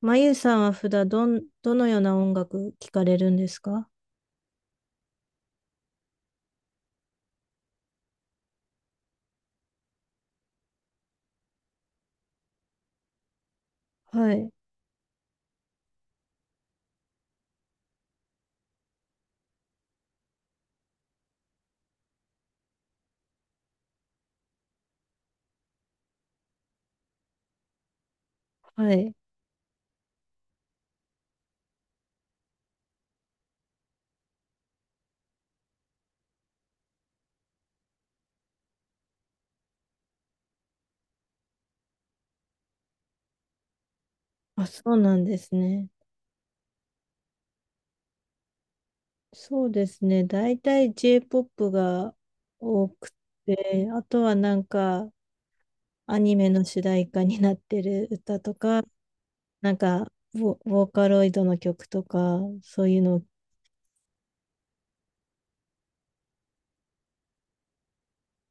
まゆさんは普段どのような音楽聴かれるんですか？はい、はい。あ、そうなんですね。そうですね。大体 J-POP が多くて、あとはなんかアニメの主題歌になってる歌とか、なんかボーカロイドの曲とか、そういうのを。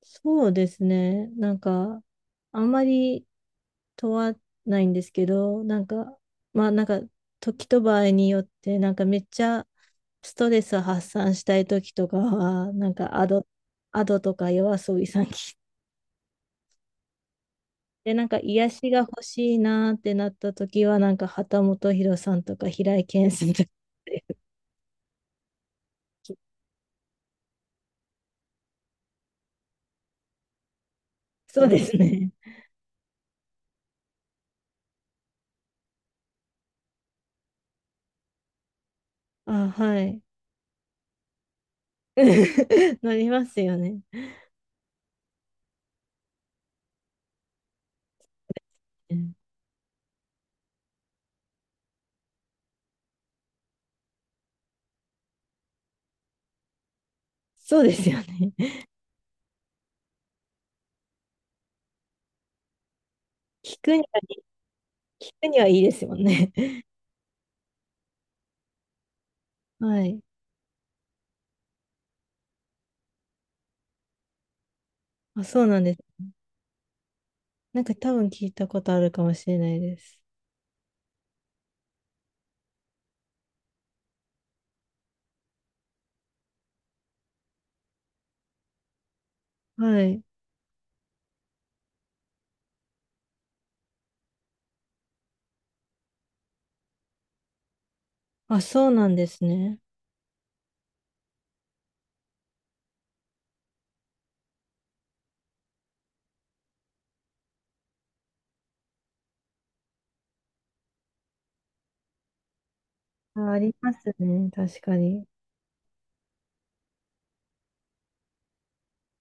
そうですね。なんか、あんまり問わないんですけど、なんか、まあなんか、時と場合によって、なんかめっちゃストレス発散したい時とかは、なんかアドとか夜遊びさん聞いて、なんか癒しが欲しいなーってなった時は、なんか旗本博さんとか平井堅さんとか。そうですね。あ、はい。なりますよね。うん、そうですよね。聞くに聞くにはいいですもんね。はい。あ、そうなんです。なんか多分聞いたことあるかもしれないです。はい。あ、そうなんですね。あ、ありますね。確かに。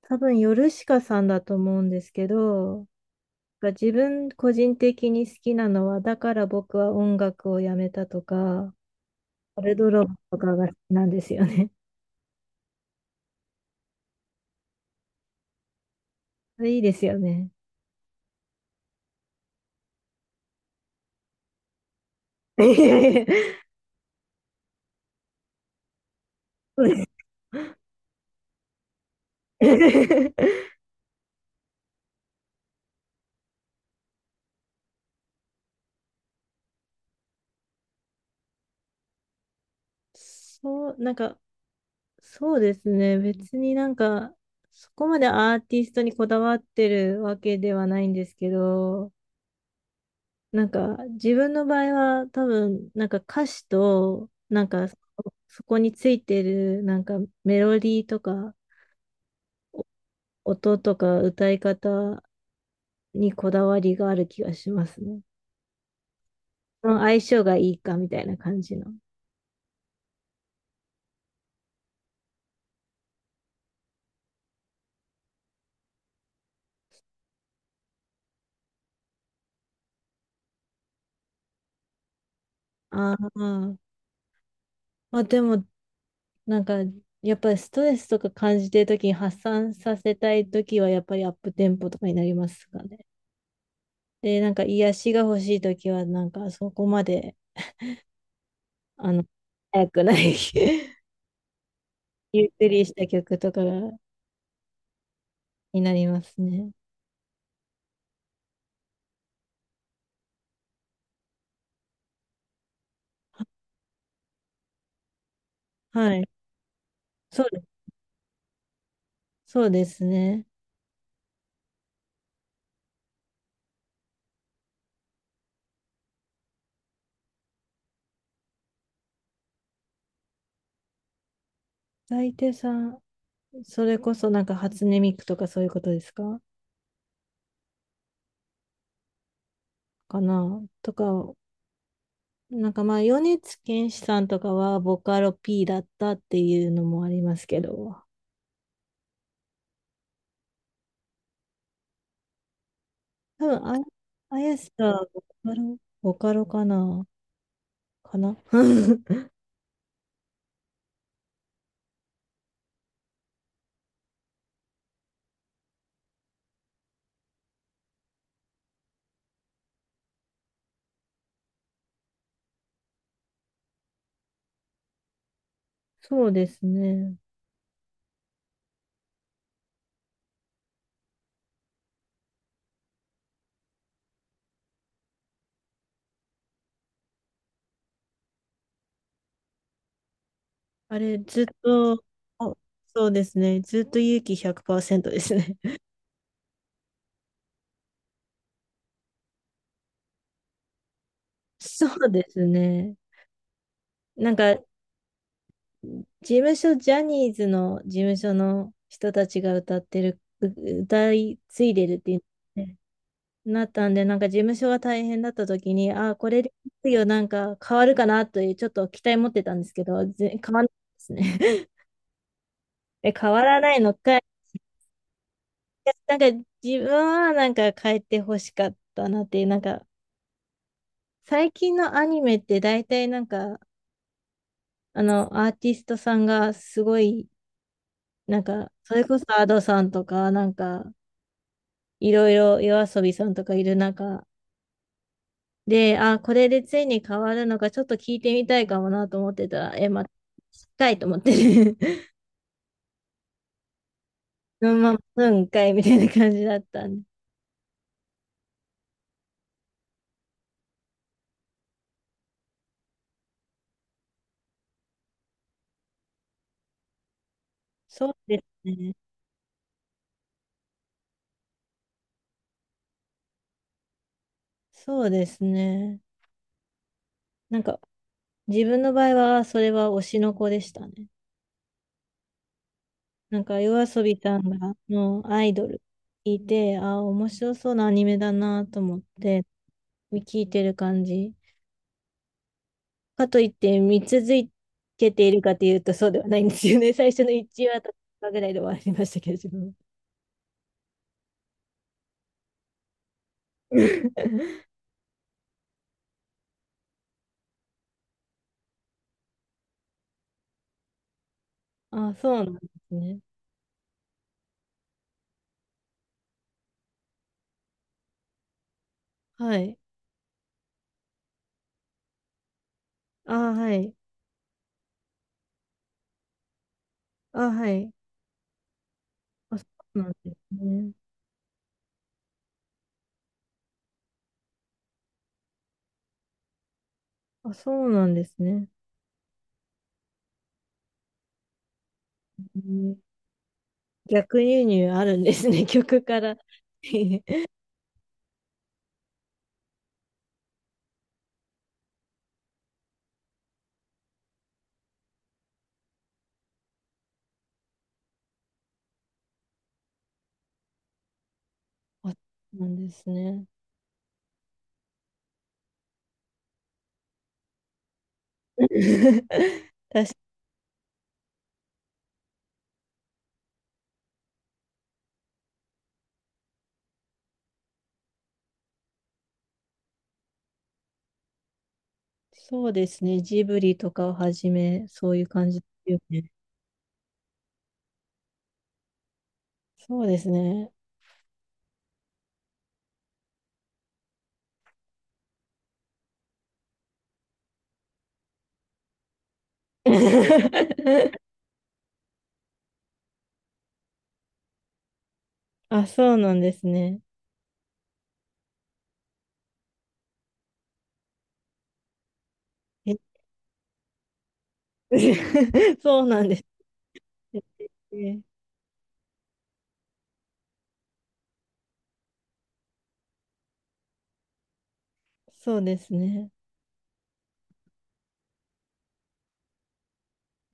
多分、ヨルシカさんだと思うんですけど、が自分個人的に好きなのは、だから僕は音楽をやめたとか、アルドロップとかが好きなんですよね。それいいですよね。そうです そう、なんかそうですね。別になんか、そこまでアーティストにこだわってるわけではないんですけど、なんか自分の場合は多分、なんか歌詞と、なんかそこについてるなんかメロディーとか、お音とか歌い方にこだわりがある気がしますね。その相性がいいかみたいな感じの。あーあ、でもなんか、やっぱりストレスとか感じてるときに発散させたいときは、やっぱりアップテンポとかになりますかね。で、なんか癒しが欲しいときは、なんかそこまで、あの、早くない ゆっくりした曲とかがになりますね。はい。そうです、そうですね。大抵さん、それこそなんか初音ミクとかそういうことですかかなとか、なんかまあ、米津玄師さんとかはボカロ P だったっていうのもありますけど、多分、あ、あやしか、カロ、ボカロかなかな そうですね。あれ、ずっと、あ、そうですね。ずっと勇気100%ですね。そうですね。なんか、事務所、ジャニーズの事務所の人たちが歌ってる、歌い継いでるっていうね、なったんで、なんか事務所が大変だった時に、ああ、これでなんか変わるかなという、ちょっと期待持ってたんですけど、変わらないですね。え、変わらないのかい。なんか自分はなんか変えてほしかったなっていう、なんか最近のアニメって大体なんかあのアーティストさんがすごいなんかそれこそアドさんとかなんかいろいろ夜遊びさんとかいる中で、あ、これでついに変わるのかちょっと聞いてみたいかもなと思ってたら、え、まあ、深いと思ってね そのままうんかいみたいな感じだったんで。そうですね。そうですね。なんか自分の場合は、それは推しの子でしたね。なんか、夜遊びさんが、のアイドル聞いて、ああ、面白そうなアニメだなと思って、聞いてる感じ。かといって、見続けているかというと、そうではないんですよね。最初の1話とかぐらいで終わりましたけど、自分は。ああ、そうなんですね。はい。ああ、はい。ああ、はい。あ、そうなんですね。あ、そうなんですね。うん、逆輸入あるんですね、曲から。あ、なんですね。そうですね。ジブリとかをはじめ、そういう感じですよね。そうですね。あ、そうなんですね。え そうなんですね。そうですね。